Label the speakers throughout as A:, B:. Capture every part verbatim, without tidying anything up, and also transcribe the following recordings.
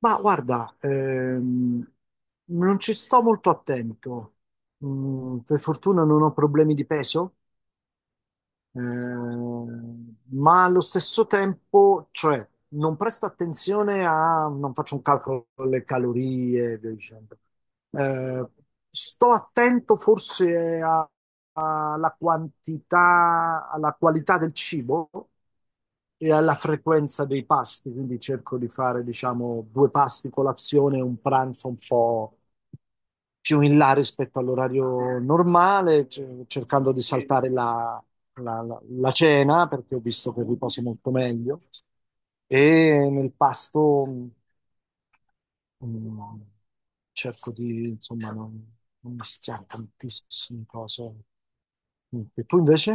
A: Ma guarda, ehm, non ci sto molto attento. Mm, per fortuna non ho problemi di peso, ehm, ma allo stesso tempo, cioè, non presto attenzione a, non faccio un calcolo delle calorie, e via dicendo. Eh, Sto attento forse a- alla quantità, alla qualità del cibo, e alla frequenza dei pasti, quindi cerco di fare, diciamo, due pasti colazione e un pranzo un po' più in là rispetto all'orario normale, ce- cercando di saltare la, la- la- la cena perché ho visto che riposo molto meglio e nel pasto mm, cerco di, insomma, non, non mischiare tantissime cose. Mm. E tu invece?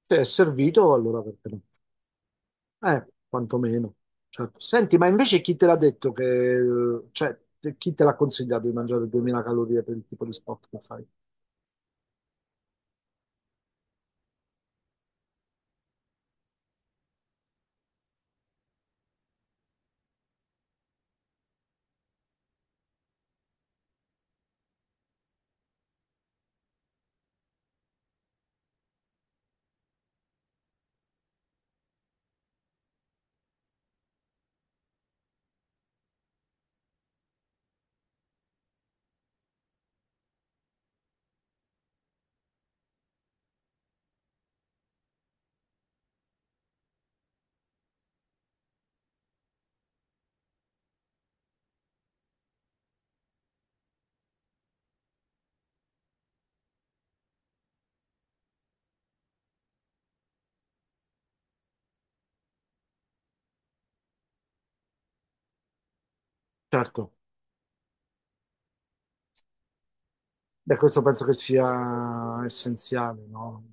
A: Se è servito, allora perché no? Eh, quantomeno. Certo. Senti, ma invece chi te l'ha detto che, eh, cioè, te- chi te l'ha consigliato di mangiare duemila calorie per il tipo di sport che fai? Certo, beh, questo penso che sia essenziale, no?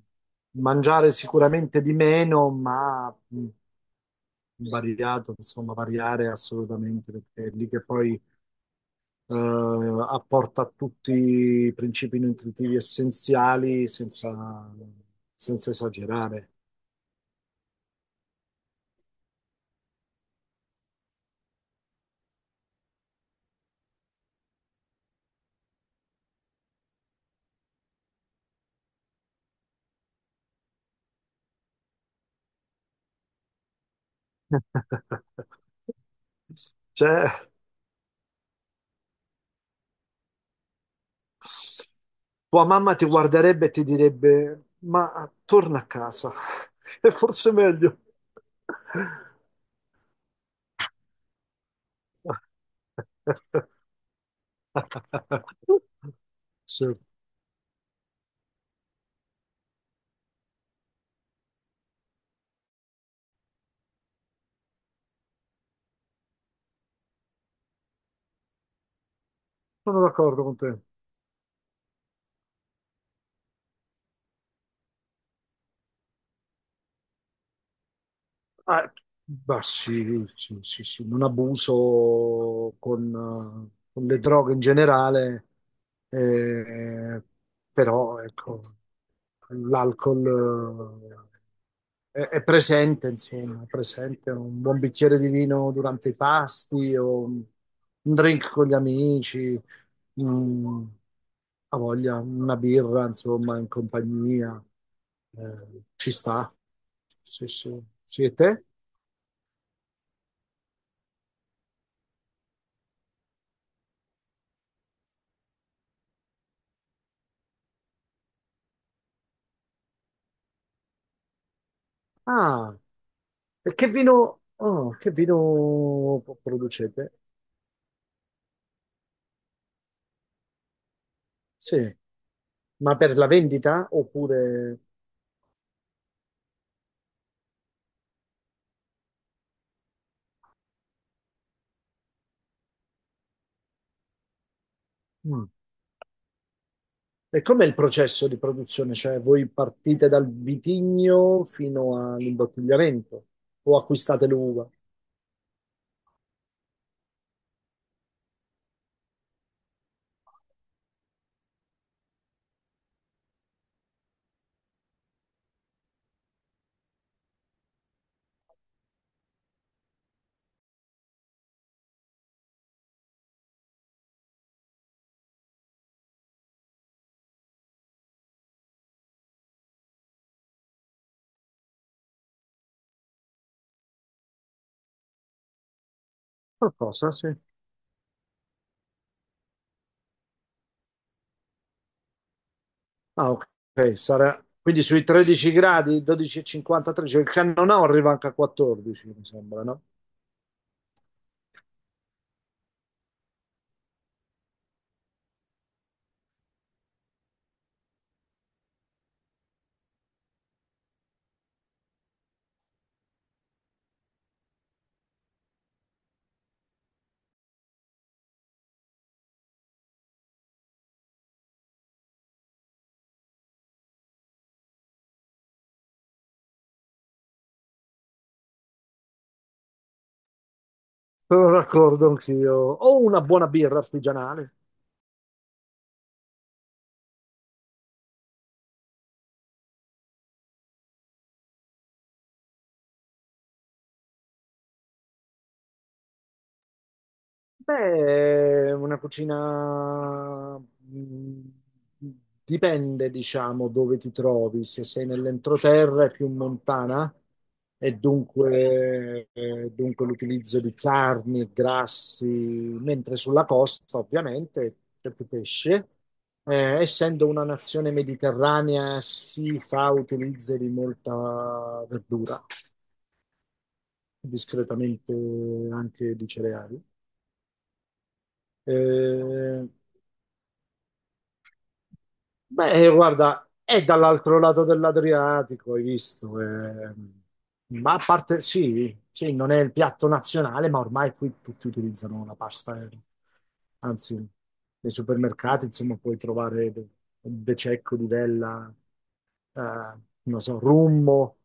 A: Mangiare sicuramente di meno, ma mh, variato, insomma, variare assolutamente, perché è lì che poi eh, apporta tutti i principi nutritivi essenziali senza, senza esagerare. Cioè, tua mamma ti guarderebbe e ti direbbe: Ma torna a casa, è forse meglio. Sì, sono d'accordo con te. Ah, bah, sì, sì, sì, sì, un abuso con, eh, con le droghe in generale, eh, però ecco, l'alcol eh, è, è presente, insomma, è presente un buon bicchiere di vino durante i pasti o un drink con gli amici. Mm, ha voglia, una birra, insomma, in compagnia, eh, ci sta. Sì, sì. Sì, e te? Ah, e che vino, oh, che vino producete? Sì, ma per la vendita oppure... Mm. E com'è il processo di produzione? Cioè, voi partite dal vitigno fino all'imbottigliamento o acquistate l'uva? Qualcosa, sì. Ah, ok, sarà... Quindi sui tredici gradi, dodici e cinquantatré, cioè il cannonau arriva anche a quattordici, mi sembra, no? Sono d'accordo anch'io. O una buona birra artigianale. Beh, una cucina mh, dipende, diciamo, dove ti trovi. Se sei nell'entroterra è più montana e dunque, eh, dunque l'utilizzo di carni e grassi, mentre sulla costa ovviamente c'è più pesce. Eh, essendo una nazione mediterranea si fa utilizzo di molta verdura, discretamente anche di cereali. Eh, Beh, eh, guarda, è dall'altro lato dell'Adriatico, hai visto, eh. Ma a parte, sì, sì, non è il piatto nazionale, ma ormai qui tutti utilizzano la pasta, eh. Anzi, nei supermercati, insomma, puoi trovare de- bececco, livella, eh, non so, rummo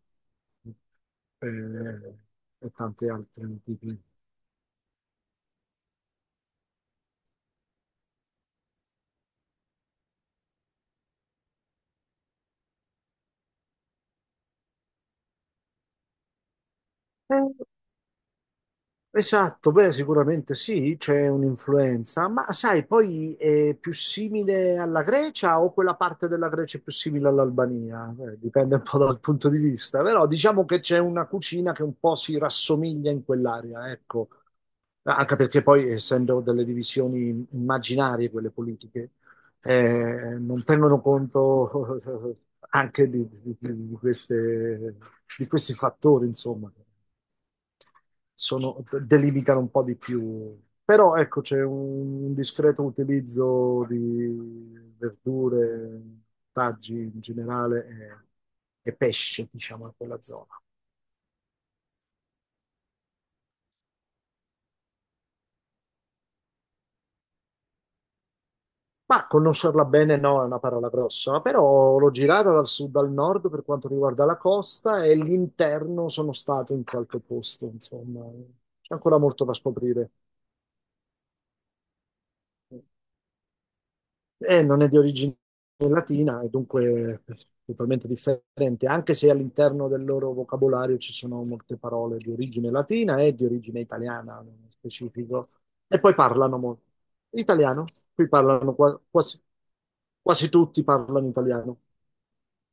A: eh, e tanti altri tipi. Eh, Esatto, beh, sicuramente sì, c'è un'influenza, ma sai, poi è più simile alla Grecia o quella parte della Grecia è più simile all'Albania? Eh, dipende un po' dal punto di vista, però diciamo che c'è una cucina che un po' si rassomiglia in quell'area, ecco, anche perché poi essendo delle divisioni immaginarie quelle politiche, eh, non tengono conto anche di, di- di- di queste- di questi fattori, insomma sono- delimitano un po' di più. Però ecco, c'è un discreto utilizzo di verdure, taggi in generale e, e pesce, diciamo, in quella zona. Ma conoscerla bene no, è una parola grossa, però l'ho girata dal sud al nord per quanto riguarda la costa e l'interno sono stato in qualche posto, insomma, c'è ancora molto da scoprire. Eh, non è di origine latina e dunque totalmente differente, anche se all'interno del loro vocabolario ci sono molte parole di origine latina e di origine italiana nello specifico. E poi parlano molto italiano, qui parlano qua- quasi, quasi tutti parlano italiano.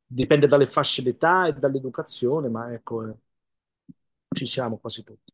A: Dipende dalle fasce d'età e dall'educazione, ma ecco, eh, ci siamo quasi tutti.